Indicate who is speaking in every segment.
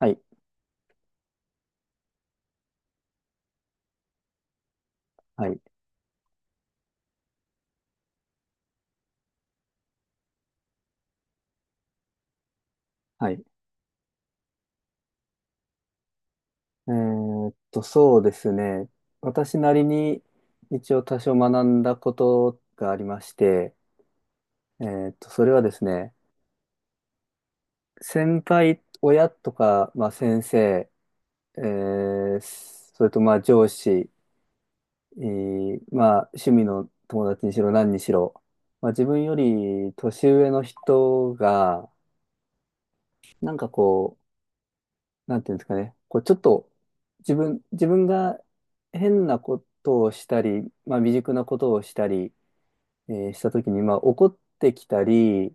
Speaker 1: はい、はい、はい。そうですね。私なりに一応多少学んだことがありまして、それはですね、先輩、親とか、まあ、先生、えーそれとまあ上司、まあ、趣味の友達にしろ何にしろ、まあ、自分より年上の人が、なんかこなんていうんですかね、こうちょっと自分が変なことをしたり、まあ、未熟なことをしたり、したときに、まあ、怒ってきたり、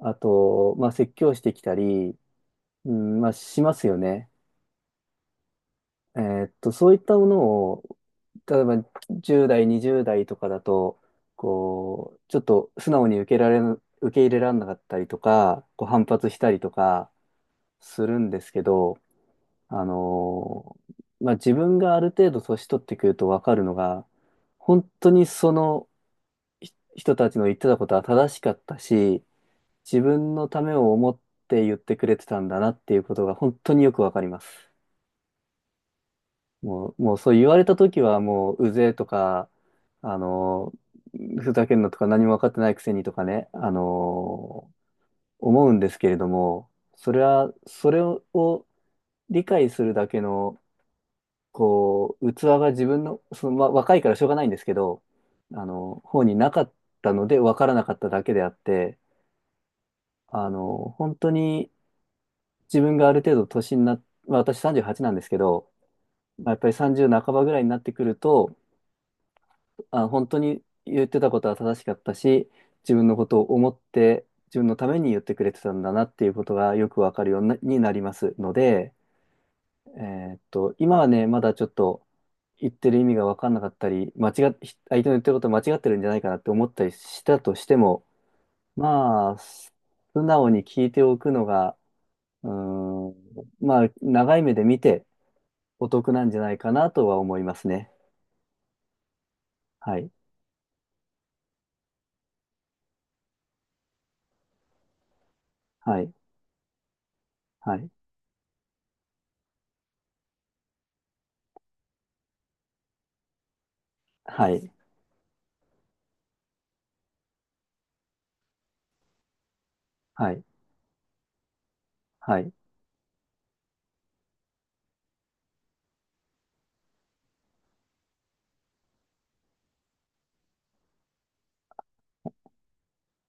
Speaker 1: あと、まあ、説教してきたり、うん、まあ、しますよね。そういったものを、例えば10代、20代とかだと、こう、ちょっと素直に受け入れられなかったりとか、こう反発したりとかするんですけど、あのまあ、自分がある程度年取ってくると分かるのが、本当にその人たちの言ってたことは正しかったし、自分のためを思って言ってくれてたんだなっていうことが本当によく分かります。もうそう言われた時はもううぜえとか、あのーふざけんなとか何も分かってないくせにとかね、思うんですけれども、それは、それを理解するだけのこう、器が自分の、その、ま、若いからしょうがないんですけど、あの、方になかったので分からなかっただけであって、あの、本当に自分がある程度年になっ、まあ、私38なんですけど、まあ、やっぱり30半ばぐらいになってくると、あ、本当に言ってたことは正しかったし、自分のことを思って、自分のために言ってくれてたんだなっていうことがよくわかるようになりますので、え今はね、まだちょっと言ってる意味が分かんなかったり、間違っ、相手の言ってること間違ってるんじゃないかなって思ったりしたとしても、まあ、素直に聞いておくのが、うーん、まあ、長い目で見てお得なんじゃないかなとは思いますね。はい、はい、はい、はい、はい、はい、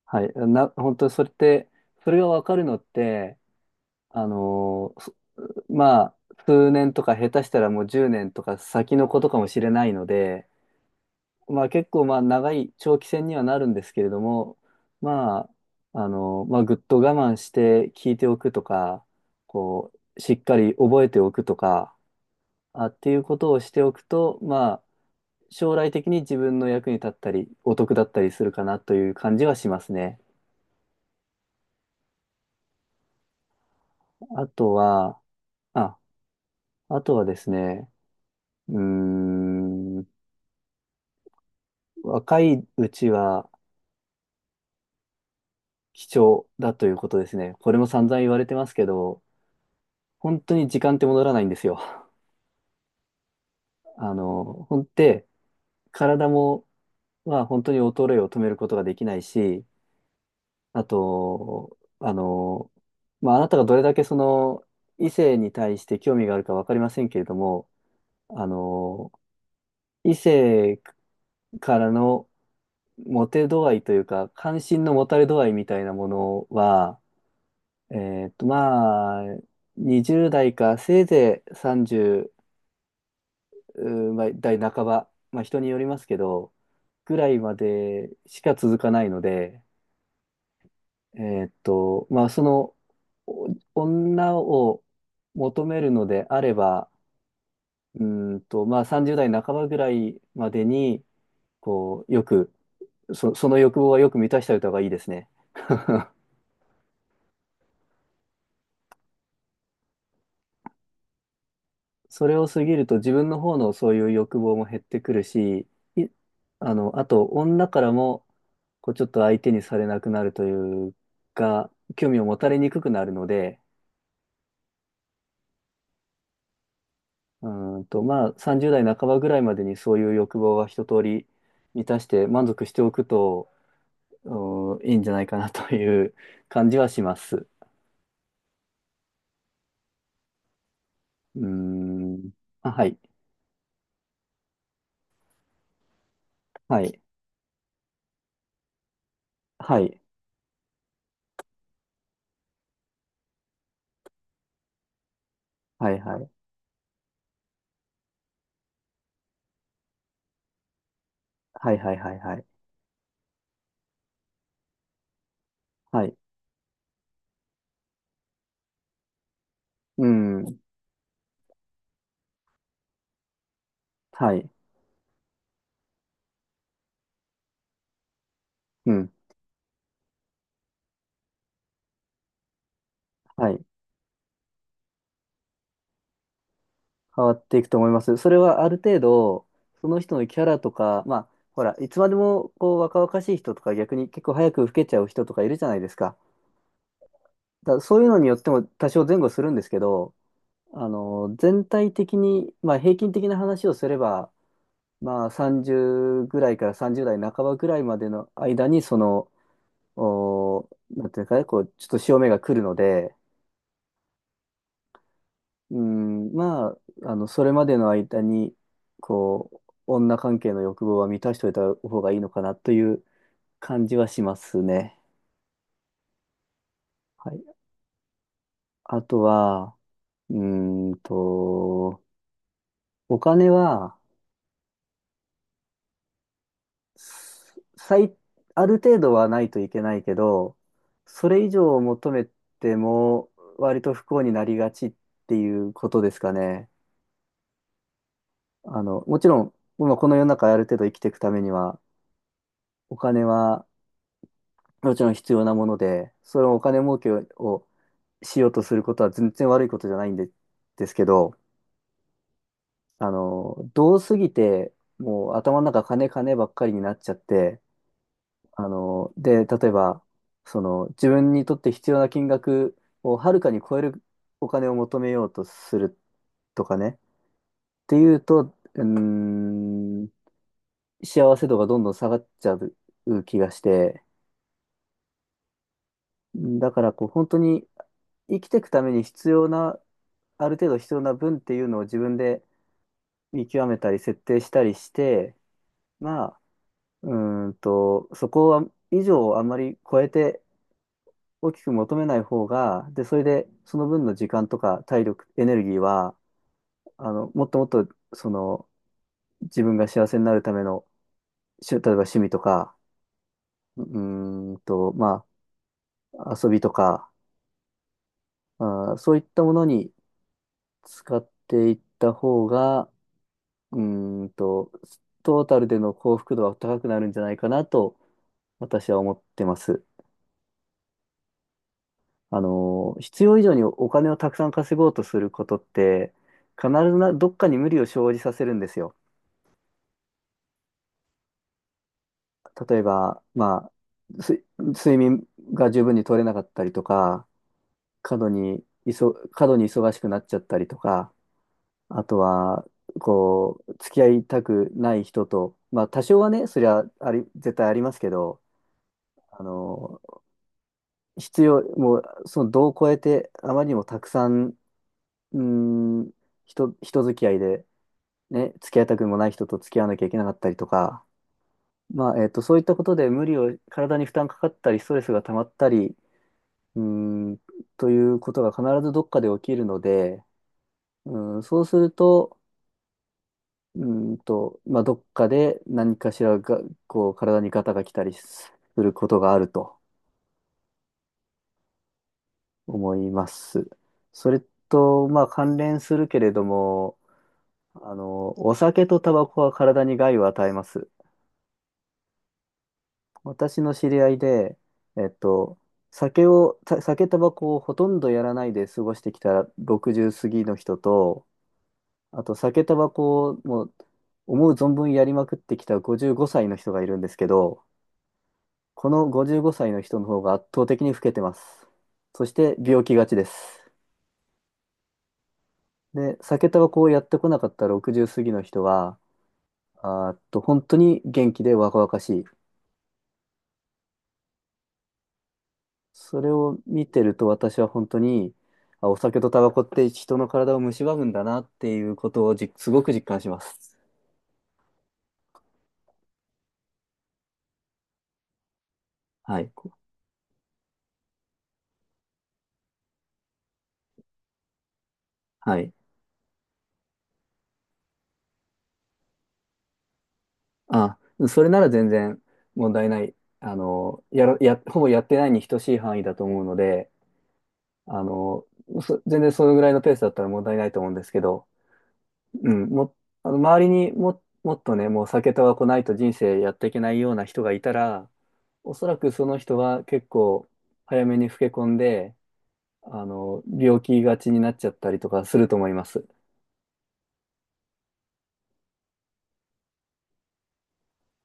Speaker 1: はい。本当それって、それが分かるのって、あのーまあ、数年とか下手したらもう10年とか先のことかもしれないので、まあ結構まあ長い長期戦にはなるんですけれども、まあ、あの、まあぐっと我慢して聞いておくとか、こう、しっかり覚えておくとか、あ、っていうことをしておくと、まあ、将来的に自分の役に立ったり、お得だったりするかなという感じはしますね。あとは、あ、あとはですね、うーん、若いうちは、貴重だということですね。これも散々言われてますけど、本当に時間って戻らないんですよ。あの、ほんで、体も、まあ、本当に衰えを止めることができないし、あと、あの、まあ、あなたがどれだけその異性に対して興味があるかわかりませんけれども、あの、異性からのモテ度合いというか、関心の持たれ度合いみたいなものは、まあ、20代か、せいぜい30代半ば、まあ人によりますけど、ぐらいまでしか続かないので、えまあその、お女を求めるのであれば、うーんと、まあ30代半ばぐらいまでに、こう、よく、その欲望はよく満たしておいた方がいいですね。それを過ぎると自分の方のそういう欲望も減ってくるし、い、あの、あと女からもこうちょっと相手にされなくなるというか、興味を持たれにくくなるので、うーんと、まあ30代半ばぐらいまでにそういう欲望は一通り満たして満足しておくと、うーんいいんじゃないかなという感じはします。うーん。あ、はい。はい。はい。はい、はい。はい、はい、はい、はい。はい。うん。はい。うん。はい。変わっていくと思います。それはある程度、その人のキャラとか、まあ、ほら、いつまでもこう若々しい人とか、逆に結構早く老けちゃう人とかいるじゃないですか。だからそういうのによっても多少前後するんですけど、あの、全体的に、まあ、平均的な話をすれば、まあ、30ぐらいから30代半ばぐらいまでの間に、その、なんていうかね、こう、ちょっと潮目が来るので、うん、まあ、あの、それまでの間に、こう、女関係の欲望は満たしておいた方がいいのかなという感じはしますね。はい。あとは、うーんと、お金は、す最、ある程度はないといけないけど、それ以上を求めても、割と不幸になりがちっていうことですかね。あの、もちろん、今この世の中ある程度生きていくためには、お金は、もちろん必要なもので、それをお金儲けをしようとすることは全然悪いことじゃないんで、ですけど、あの、どうすぎて、もう頭の中金金ばっかりになっちゃって、あの、で、例えば、その自分にとって必要な金額をはるかに超えるお金を求めようとするとかね、っていうと、うーん、幸せ度がどんどん下がっちゃう気がして、だからこう本当に生きていくために必要なある程度必要な分っていうのを自分で見極めたり設定したりして、まあ、うーんと、そこは以上をあまり超えて大きく求めない方が、で、それでその分の時間とか体力、エネルギーは、あの、もっともっと、その、自分が幸せになるための、例えば趣味とか、うーんと、まあ、遊びとか、あー、そういったものに使っていった方が、うーんと、トータルでの幸福度は高くなるんじゃないかなと私は思ってます。あの、必要以上にお金をたくさん稼ごうとすることって、必ずどっかに無理を生じさせるんですよ。例えば、まあ、睡眠が十分に取れなかったりとか、過度に忙しくなっちゃったりとか、あとは、こう、付き合いたくない人と、まあ、多少はね、それはあり、絶対ありますけど、あの、必要、もう、その度を超えて、あまりにもたくさん、うーん、人付き合いで、ね、付き合いたくもない人と付き合わなきゃいけなかったりとか、まあ、えっと、そういったことで無理を、体に負担かかったり、ストレスが溜まったり、うーん、ということが必ずどっかで起きるので、うん、そうすると、うーんと、まあ、どっかで何かしらが、こう、体にガタが来たりすることがあると思います。それと、まあ、関連するけれども、あの、お酒とタバコは体に害を与えます。私の知り合いで、えっと、酒、タバコをほとんどやらないで過ごしてきた60過ぎの人と、あと酒、タバコをもう思う存分やりまくってきた55歳の人がいるんですけど、この55歳の人の方が圧倒的に老けてます。そして病気がちです。で、酒、タバコをやってこなかった60過ぎの人は、あーっと、本当に元気で若々しい。それを見てると私は本当に、あ、お酒とタバコって人の体を蝕むんだなっていうことをすごく実感します。はい。はい。あ、それなら全然問題ない。あの、やら、や、ほぼやってないに等しい範囲だと思うので、あの、全然そのぐらいのペースだったら問題ないと思うんですけど、うん、あの、周りにも、もっとね、もう酒タバコないと人生やっていけないような人がいたら、おそらくその人は結構早めに老け込んで、あの、病気がちになっちゃったりとかすると思います。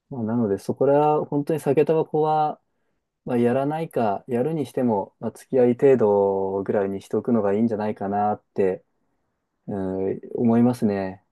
Speaker 1: まあ、なので、そこら、本当に酒タバコは、まあ、やらないか、やるにしても、まあ、付き合い程度ぐらいにしておくのがいいんじゃないかなって、うん、思いますね。